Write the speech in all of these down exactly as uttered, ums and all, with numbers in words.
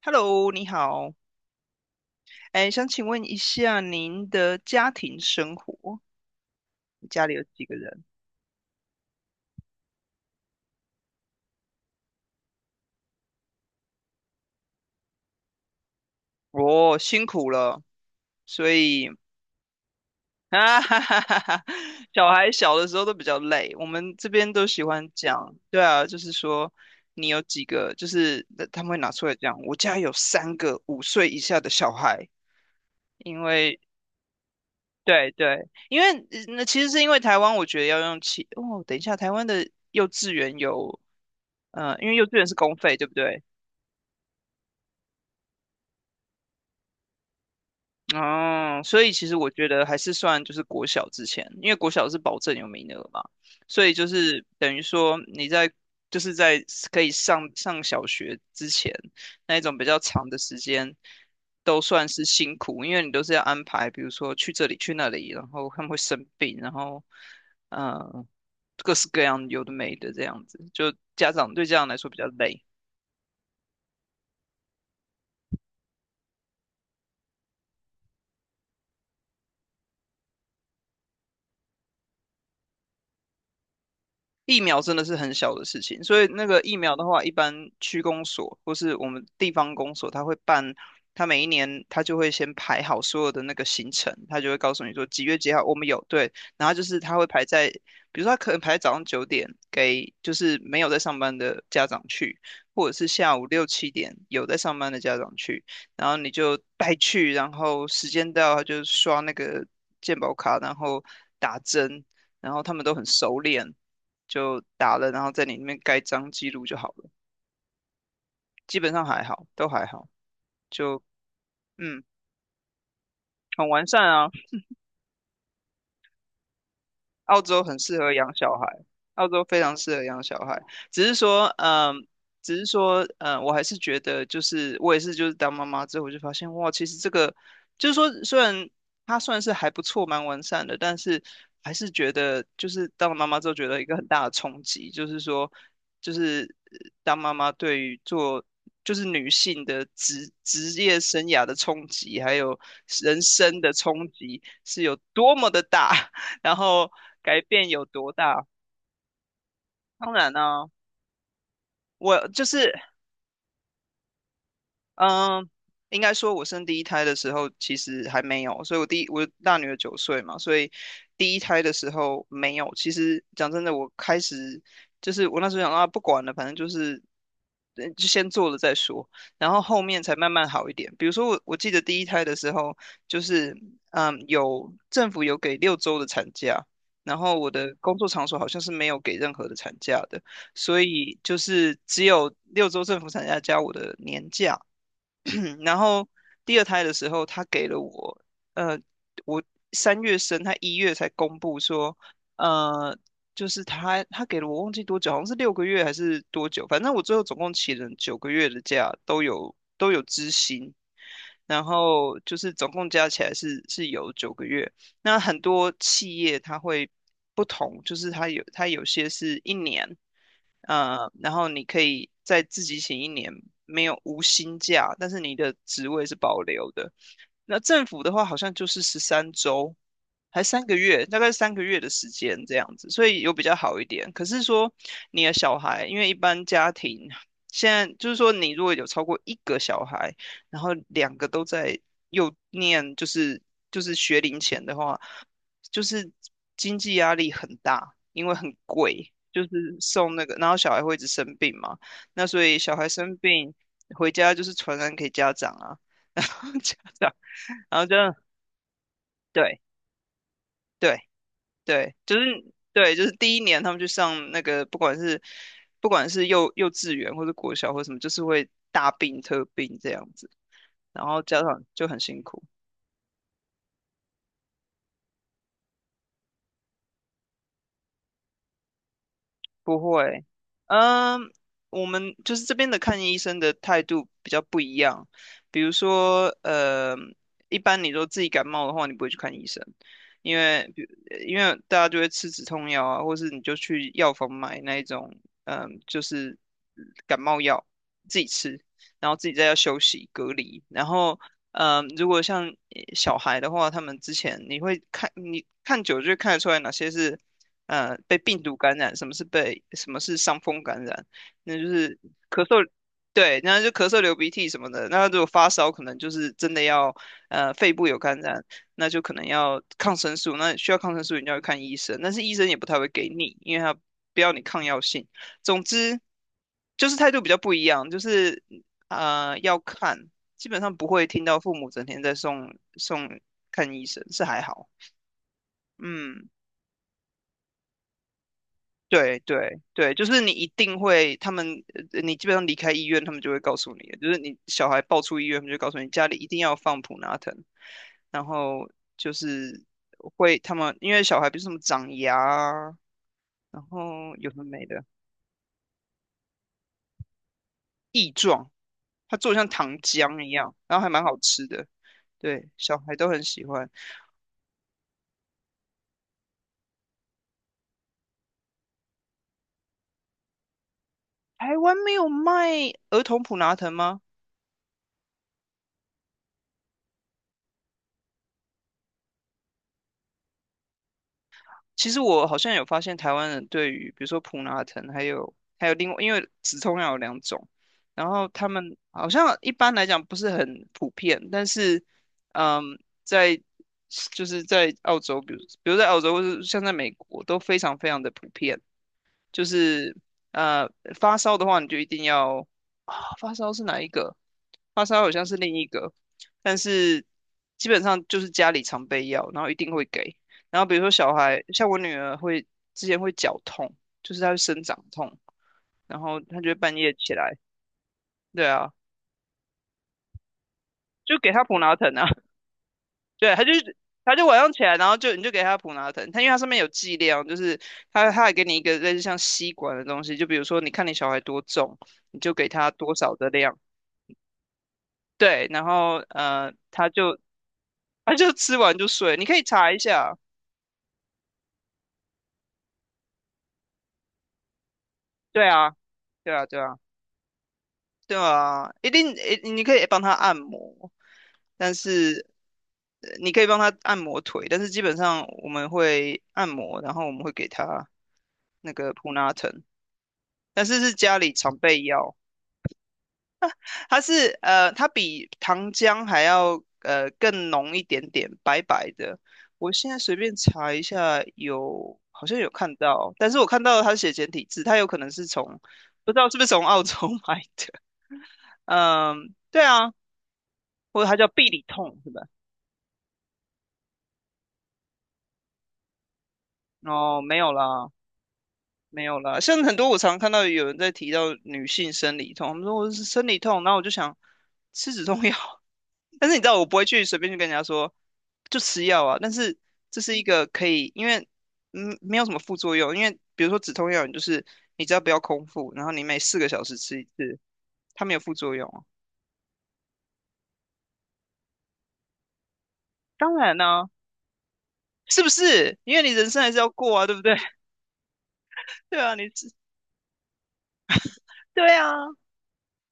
Hello，你好，哎，想请问一下您的家庭生活，你家里有几个人？哦，辛苦了，所以啊，哈哈哈哈，小孩小的时候都比较累，我们这边都喜欢讲，对啊，就是说你有几个，就是呃他们会拿出来讲，我家有三个五岁以下的小孩，因为对对，因为呃那其实是因为台湾，我觉得要用其哦，等一下，台湾的幼稚园有，呃，因为幼稚园是公费，对不对？哦，所以其实我觉得还是算就是国小之前，因为国小是保证有名额嘛，所以就是等于说你在就是在可以上上小学之前那一种比较长的时间，都算是辛苦，因为你都是要安排，比如说去这里去那里，然后他们会生病，然后嗯，各式各样有的没的这样子，就家长对家长来说比较累。疫苗真的是很小的事情，所以那个疫苗的话，一般区公所或是我们地方公所，他会办，他每一年他就会先排好所有的那个行程，他就会告诉你说几月几号我们有，对，然后就是他会排在，比如说他可能排在早上九点给就是没有在上班的家长去，或者是下午六七点有在上班的家长去，然后你就带去，然后时间到他就刷那个健保卡，然后打针，然后他们都很熟练。就打了，然后在你那边盖章记录就好了，基本上还好，都还好，就嗯，很完善啊。澳洲很适合养小孩，澳洲非常适合养小孩。只是说，嗯，只是说，嗯，我还是觉得，就是我也是，就是当妈妈之后，我就发现，哇，其实这个，就是说，虽然它算是还不错，蛮完善的，但是还是觉得，就是当了妈妈之后，觉得一个很大的冲击，就是说，就是呃当妈妈对于做。就是女性的职职业生涯的冲击，还有人生的冲击是有多么的大。然后改变有多大？当然呢、我就是嗯，应该说，我生第一胎的时候其实还没有，所以我第一我大女儿九岁嘛，所以第一胎的时候没有。其实讲真的，我开始就是我那时候想啊，不管了，反正就是呃就先做了再说，然后后面才慢慢好一点。比如说我我记得第一胎的时候，就是嗯有政府有给六周的产假，然后我的工作场所好像是没有给任何的产假的。所以就是只有六周政府产假加我的年假，然后第二胎的时候，他给了我，呃，我三月生，他一月才公布说，呃，就是他他给了我忘记多久，好像是六个月还是多久，反正我最后总共请了九个月的假，都有都有支薪，然后就是总共加起来是是有九个月，那很多企业它会不同，就是它有它有些是一年，呃，然后你可以再自己请一年，没有无薪假，但是你的职位是保留的。那政府的话，好像就是十三周，还三个月，大概三个月的时间这样子，所以有比较好一点。可是说你的小孩，因为一般家庭现在就是说，你如果有超过一个小孩，然后两个都在又念就是就是学龄前的话，就是经济压力很大，因为很贵，就是送那个，然后小孩会一直生病嘛，那所以小孩生病回家就是传染给家长啊，然后家长，然后就对对对，就是对，就是第一年他们去上那个，不管是不管是幼幼稚园或者国小或什么，就是会大病特病这样子，然后家长就很辛苦。不会，嗯，我们就是这边的看医生的态度比较不一样。比如说，呃，一般你说自己感冒的话，你不会去看医生，因为比因为大家就会吃止痛药啊，或是你就去药房买那一种，嗯，就是感冒药自己吃，然后自己在家休息隔离。然后，嗯，如果像呃小孩的话，他们之前你会看，你看久就会看得出来哪些是。呃被病毒感染，什么是被什么是伤风感染，那就是咳嗽，对，然后就咳嗽、流鼻涕什么的。那如果发烧，可能就是真的要呃肺部有感染，那就可能要抗生素，那需要抗生素你就要看医生，但是医生也不太会给你，因为他不要你抗药性。总之就是态度比较不一样，就是呃要看，基本上不会听到父母整天在送送看医生，是还好，嗯。对对对，就是你一定会，他们呃你基本上离开医院，他们就会告诉你的，就是你小孩抱出医院，他们就告诉你家里一定要放普拿疼，然后就是会他们因为小孩比如什么长牙啊然后有什么没的异状，它做得像糖浆一样，然后还蛮好吃的，对，小孩都很喜欢。台湾没有卖儿童普拿疼吗？其实我好像有发现，台湾人对于比如说普拿疼，还有还有另外，因为止痛药有两种，然后他们好像一般来讲不是很普遍，但是嗯，在就是在澳洲，比如比如在澳洲或是像在美国都非常非常的普遍。就是呃发烧的话，你就一定要啊，发烧是哪一个？发烧好像是另一个，但是基本上就是家里常备药，然后一定会给。然后比如说小孩，像我女儿会之前会脚痛，就是她会生长痛，然后她就会半夜起来，对啊，就给她普拿疼啊。对，他就是他就晚上起来，然后就你就给他普拿疼，他因为它上面有剂量，就是他他还给你一个类似像吸管的东西，就比如说你看你小孩多重，你就给他多少的量，对，然后呃他就他就吃完就睡，你可以查一下，对啊，对啊，对啊，对啊，一定诶，你可以帮他按摩，但是呃你可以帮他按摩腿，但是基本上我们会按摩，然后我们会给他那个普拿疼，但是是家里常备药。它是呃，它比糖浆还要呃更浓一点点，白白的。我现在随便查一下有，好像有看到，但是我看到它写简体字，它有可能是从不知道是不是从澳洲 买的。嗯，对啊，或者它叫必理痛是吧？哦，没有啦，没有啦。像很多我常看到有人在提到女性生理痛，他们说我是生理痛，然后我就想吃止痛药，但是你知道，我不会去随便去跟人家说就吃药啊。但是这是一个可以，因为嗯没有什么副作用。因为比如说止痛药，你就是你只要不要空腹，然后你每四个小时吃一次，它没有副作用啊。当然呢、是不是？因为你人生还是要过啊，对不对？对啊，你吃对啊。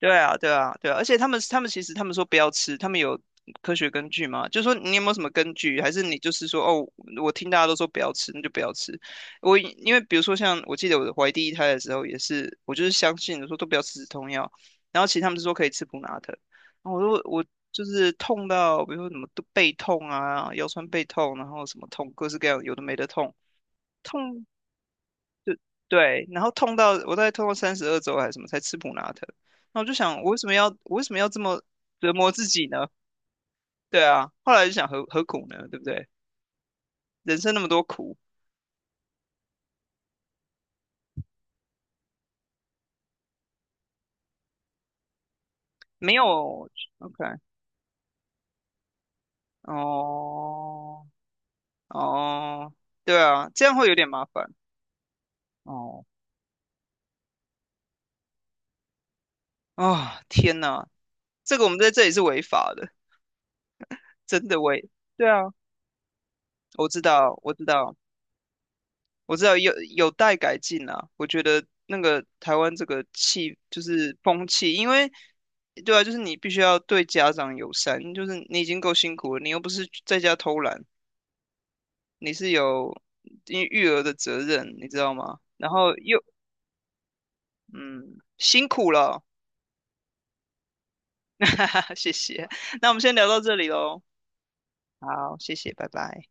对啊，对啊，对啊，而且他们他们其实他们说不要吃，他们有科学根据吗？就说你有没有什么根据，还是你就是说哦，我听大家都说不要吃，那就不要吃。我因为比如说像我记得我怀第一胎的时候也是，我就是相信我说都不要吃止痛药，然后其实他们是说可以吃普拿疼，然后我说我就是痛到比如说什么都背痛啊，腰酸背痛，然后什么痛，各式各样有的没的痛。痛对，然后痛到我大概痛到三十二周还是什么才吃普拉疼，那我就想，我为什么要我为什么要这么折磨自己呢？对啊，后来就想何何苦呢？对不对？人生那么多苦，没有 OK 哦哦，对啊，这样会有点麻烦哦啊、天哪，这个我们在这里是违法的，真的违。对啊，我知道，我知道，我知道有有待改进啊，我觉得那个台湾这个气就是风气，因为对啊，就是你必须要对家长友善，就是你已经够辛苦了，你又不是在家偷懒，你是有因为育儿的责任，你知道吗？然后又嗯辛苦了，哈哈哈，谢谢。那我们先聊到这里喽，好，谢谢，拜拜。